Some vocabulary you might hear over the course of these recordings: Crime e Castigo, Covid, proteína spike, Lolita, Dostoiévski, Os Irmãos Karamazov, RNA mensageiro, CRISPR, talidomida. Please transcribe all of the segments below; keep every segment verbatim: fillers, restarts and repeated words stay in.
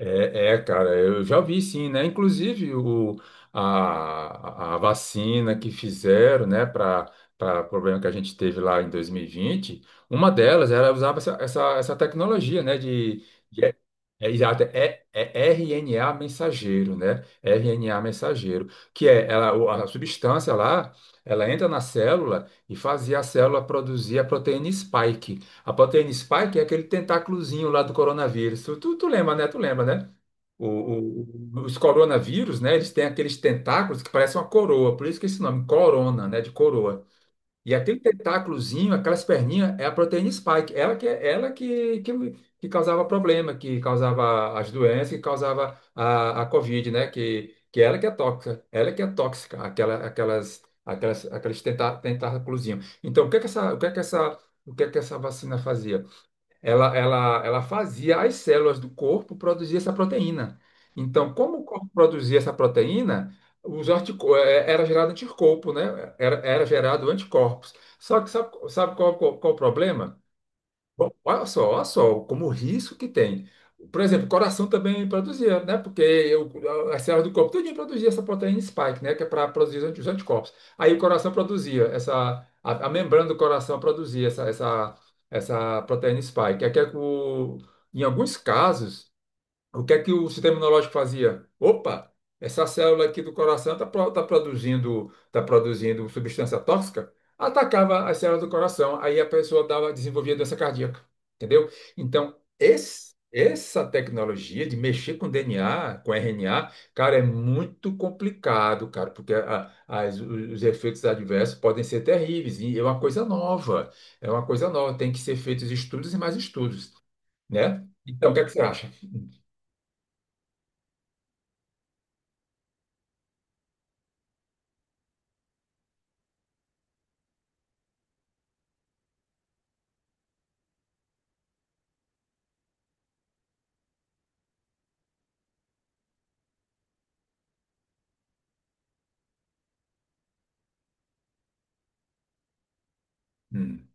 É, é, cara, eu já vi sim, né? Inclusive o, a, a vacina que fizeram, né, para para problema que a gente teve lá em dois mil e vinte, uma delas era usava essa, essa, essa tecnologia, né, de, de é, é, exato, é, é R N A mensageiro, né? R N A mensageiro, que é ela, o- a substância lá, ela entra na célula e fazia a célula produzir a proteína spike. A proteína spike é aquele tentáculozinho lá do coronavírus. Tu, tu, tu lembra, né? Tu lembra, né? O- o- os coronavírus, né? Eles têm aqueles tentáculos que parecem uma coroa, por isso que esse nome, corona, né? De coroa. E aquele tentáculozinho, aquelas perninhas, é a proteína spike. Ela que, é, ela que, que, que causava problema, que causava as doenças, que causava a, a Covid, né? Que, que ela que é tóxica, ela que é tóxica, aquela, aquelas, aquelas, aqueles tentá, tentáculozinhos. Então, o que é que essa, o que é que essa o que é que essa vacina fazia? ela, ela, ela fazia as células do corpo produzir essa proteína. Então, como o corpo produzia essa proteína, os antico- eh, era gerado anticorpo, né? Era, era gerado anticorpos. Só que sabe, sabe qual, qual, qual o problema? Bom, olha só, olha só como o risco que tem. Por exemplo, o coração também produzia, né? Porque eu, as células do corpo todinho produzia essa proteína spike, né? Que é para produzir os anti- os anticorpos. Aí o coração produzia essa, a, a membrana do coração produzia essa, essa, essa proteína spike. É que é o- em alguns casos, o que é que o sistema imunológico fazia? Opa, essa célula aqui do coração está produzindo, tá produzindo substância tóxica, atacava as células do coração, aí a pessoa dava, desenvolvia doença cardíaca, entendeu? Então, esse- essa tecnologia de mexer com D N A, com R N A, cara, é muito complicado, cara, porque a- as- os efeitos adversos podem ser terríveis, e é uma coisa nova, é uma coisa nova, tem que ser feitos estudos e mais estudos, né? Então, o que é que você acha? Hum.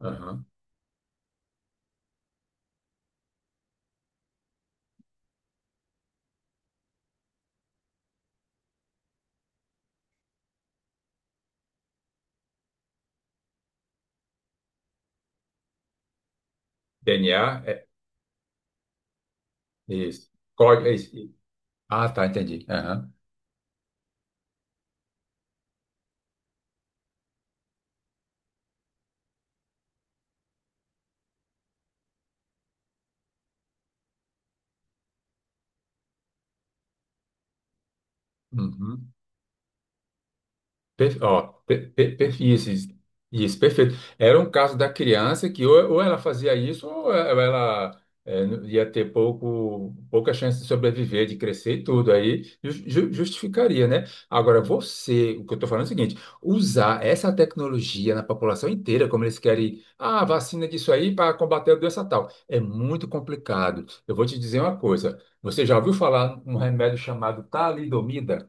Aham. D N A é isso. Código é isso. Ah, tá, entendi. Aham. Uhum. Per- Ó, per- per- per- isso, isso, isso, perfeito. Era um caso da criança que ou, ou ela fazia isso ou ela é, n- ia ter pouco, pouca chance de sobreviver, de crescer e tudo. Aí ju- ju- justificaria, né? Agora, você, o que eu estou falando é o seguinte: usar essa tecnologia na população inteira, como eles querem, ah, vacina disso aí para combater a doença tal, é muito complicado. Eu vou te dizer uma coisa: você já ouviu falar num remédio chamado talidomida?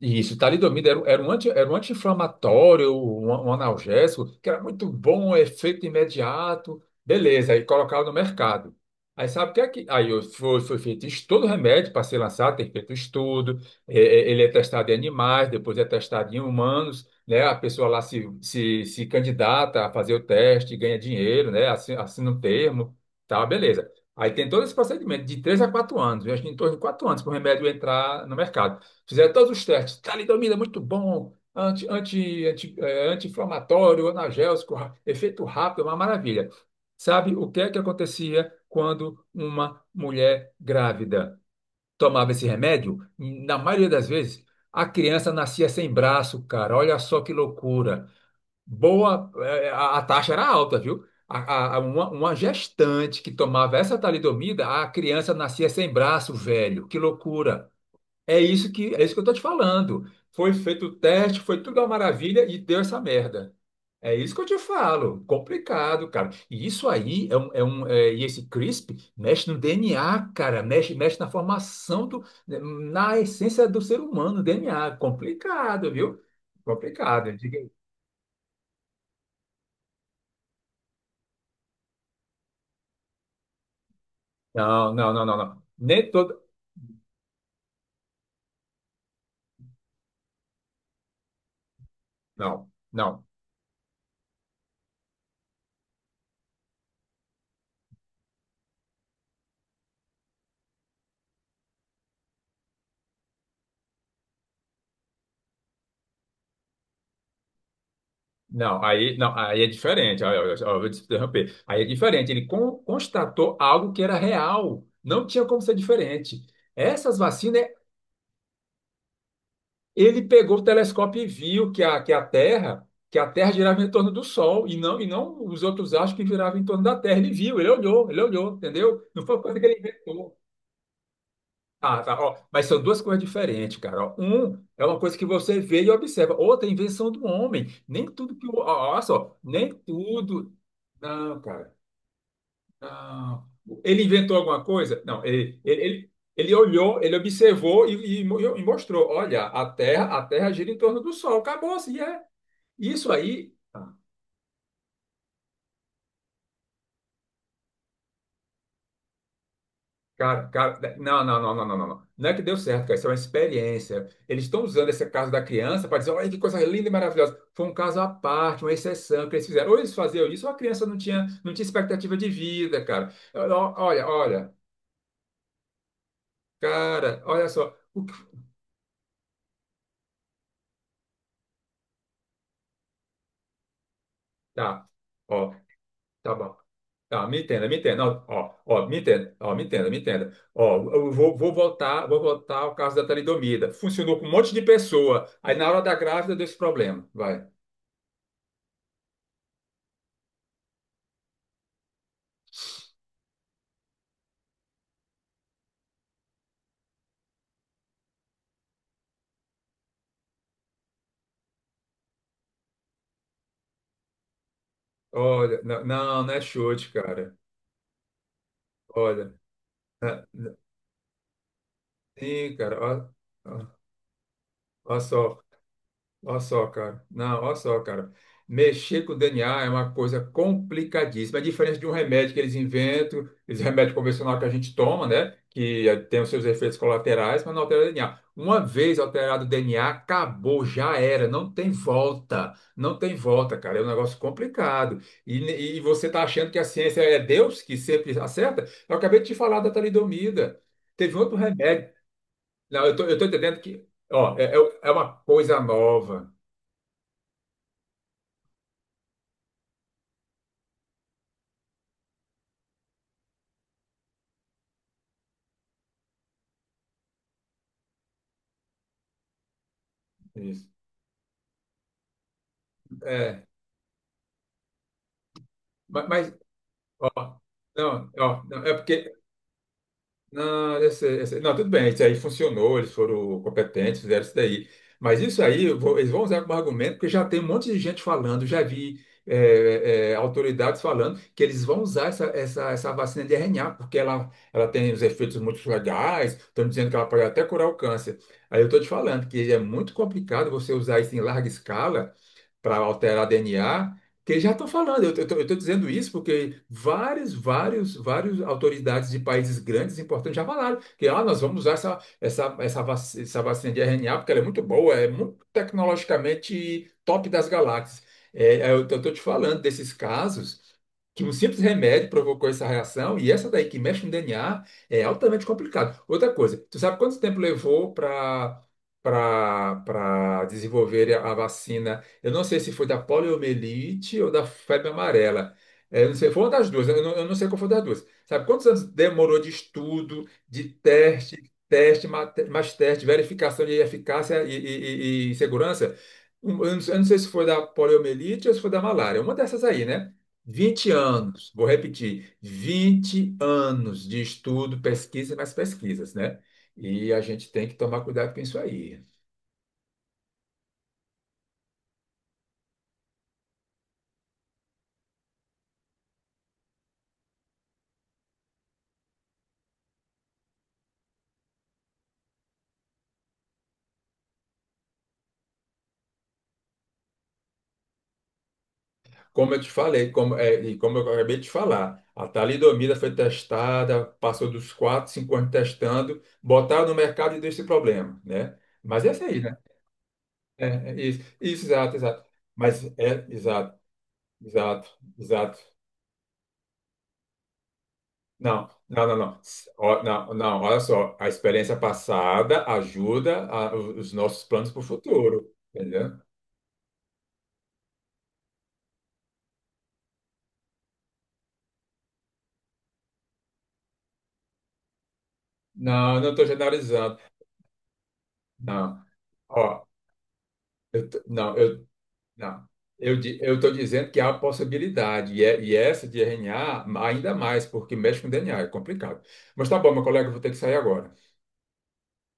Isso, talidomida era, um- era um anti, era um anti-inflamatório, um, um analgésico, que era muito bom, efeito imediato. Beleza, aí colocava no mercado. Aí sabe o que é que. Aí eu- foi, foi feito estudo, remédio para ser lançado, tem feito estudo. é, é, ele é testado em animais, depois é testado em humanos, né? A pessoa lá se, se, se candidata a fazer o teste, ganha dinheiro, né? Assina, assina um termo, tá, beleza. Aí tem todo esse procedimento de três a quatro anos, eu acho que em torno de quatro anos para o remédio entrar no mercado. Fizeram todos os testes. Talidomida, é muito bom. Anti, anti, anti, eh, anti-inflamatório, analgésico, ra- efeito rápido, uma maravilha. Sabe o que é que acontecia quando uma mulher grávida tomava esse remédio? Na maioria das vezes, a criança nascia sem braço, cara. Olha só que loucura. Boa, eh, a, a taxa era alta, viu? A, a- a- uma, uma gestante que tomava essa talidomida, a criança nascia sem braço, velho. Que loucura. É isso que, é isso que eu tô te falando. Foi feito o teste, foi tudo uma maravilha e deu essa merda. É isso que eu te falo. Complicado, cara. E isso aí é um, é um é- e esse CRISP mexe no D N A, cara. Mexe, mexe na formação do, na essência do ser humano, D N A. Complicado, viu? Complicado. Diga aí. Não, não, não, não, não. Nem todo. Não, não. Não, aí, não, aí é diferente. Ó, ó, ó, eu vou te interromper. Aí é diferente. Ele con- constatou algo que era real. Não tinha como ser diferente. Essas vacinas, ele pegou o telescópio e viu que a, que a Terra, que a Terra girava em torno do Sol e não, e não os outros acham que girava em torno da Terra. Ele viu, ele olhou, ele olhou, entendeu? Não foi coisa que ele inventou. Ah, tá, ó, mas são duas coisas diferentes, cara. Ó. Um é uma coisa que você vê e observa. Outra é a invenção do homem. Nem tudo que o. Ó, olha só, nem tudo. Não, cara. Ah, ele inventou alguma coisa? Não, ele, ele, ele, ele olhou, ele observou e, e, mo- e mostrou. Olha, a Terra, a Terra gira em torno do Sol. Acabou, assim, é. Isso aí, ah, cara, cara, não, não, não, não, não, não. Não. Não é que deu certo, cara. Isso é uma experiência. Eles estão usando esse caso da criança para dizer, olha que coisa linda e maravilhosa. Foi um caso à parte, uma exceção que eles fizeram. Ou eles faziam isso, ou a criança não tinha, não tinha expectativa de vida, cara. Olha, olha, olha, cara, olha só. O que- Tá. Tá bom. Tá, me entenda, me entenda. Ó, ó, ó, me entenda, ó, me entenda, me entenda. Ó, eu vou, vou voltar, vou voltar ao caso da talidomida. Funcionou com um monte de pessoa. Aí na hora da grávida deu esse problema. Vai. Olha, não, não não é chute, cara. Olha. é, Sim, cara. Ó, ó, ó só. Olha só, cara. Não, olha só, cara. Mexer com o D N A é uma coisa complicadíssima. É diferente de um remédio que eles inventam, esse remédio convencional que a gente toma, né? Que eh, tem os seus efeitos colaterais, mas não altera o D N A. Uma vez alterado o D N A, acabou, já era, não tem volta. Não tem volta, cara. É um negócio complicado. E, ne- e você tá achando que a ciência é Deus que sempre acerta? Eu acabei de te falar da talidomida. Teve outro remédio. Não, eu tô, eu tô entendendo que, ó, é é- é uma coisa nova. Isso. É, ma- mas, ó, não, ó, não, é porque, não, esse, esse- não, tudo bem, isso aí funcionou, eles foram competentes, fizeram isso daí. Mas isso aí, eu vou- eles vão usar como argumento, porque já tem um monte de gente falando, já vi é, é, autoridades falando que eles vão usar essa, essa, essa vacina de R N A, porque ela, ela tem os efeitos muito legais, estão dizendo que ela pode até curar o câncer. Aí eu estou te falando que é muito complicado você usar isso em larga escala, para alterar D N A, que já estão falando. Eu estou dizendo isso porque vários, vários, vários autoridades de países grandes, importantes, já falaram que ah, nós vamos usar essa, essa, essa, vac- essa vacina de R N A porque ela é muito boa, é muito tecnologicamente top das galáxias. É, é, eu estou te falando desses casos que um simples remédio provocou essa reação e essa daí que mexe no D N A é altamente complicado. Outra coisa, tu sabe quanto tempo levou para para desenvolver a a vacina. Eu não sei se foi da poliomielite ou da febre amarela. É, eu não sei, foi uma das duas. Né? Eu não, eu não sei qual foi das duas. Sabe quantos anos demorou de estudo, de teste, teste, mate- mais teste, verificação de eficácia e, e- e- e segurança? Um, Eu não, eu não sei se foi da poliomielite ou se foi da malária. Uma dessas aí, né? Vinte anos, vou repetir, vinte anos de estudo, pesquisa e mais pesquisas, né? E a gente tem que tomar cuidado com isso aí. Como eu te falei, como, é, e como eu acabei de falar, a talidomida foi testada, passou dos quatro, cinco anos testando, botaram no mercado e deu esse problema, né? Mas é isso aí, né? É, é isso, isso, exato, exato. Mas é, exato, exato, exato. Não, não, não, não. Ó, não, não, olha só, a experiência passada ajuda a- os nossos planos para o futuro, entendeu? Não, não estou generalizando. Não, ó, eu, t- não, eu Não. Eu di- eu estou dizendo que há possibilidade, e, é- e essa de R N A ainda mais, porque mexe com D N A, é complicado. Mas tá bom, meu colega, eu vou ter que sair agora.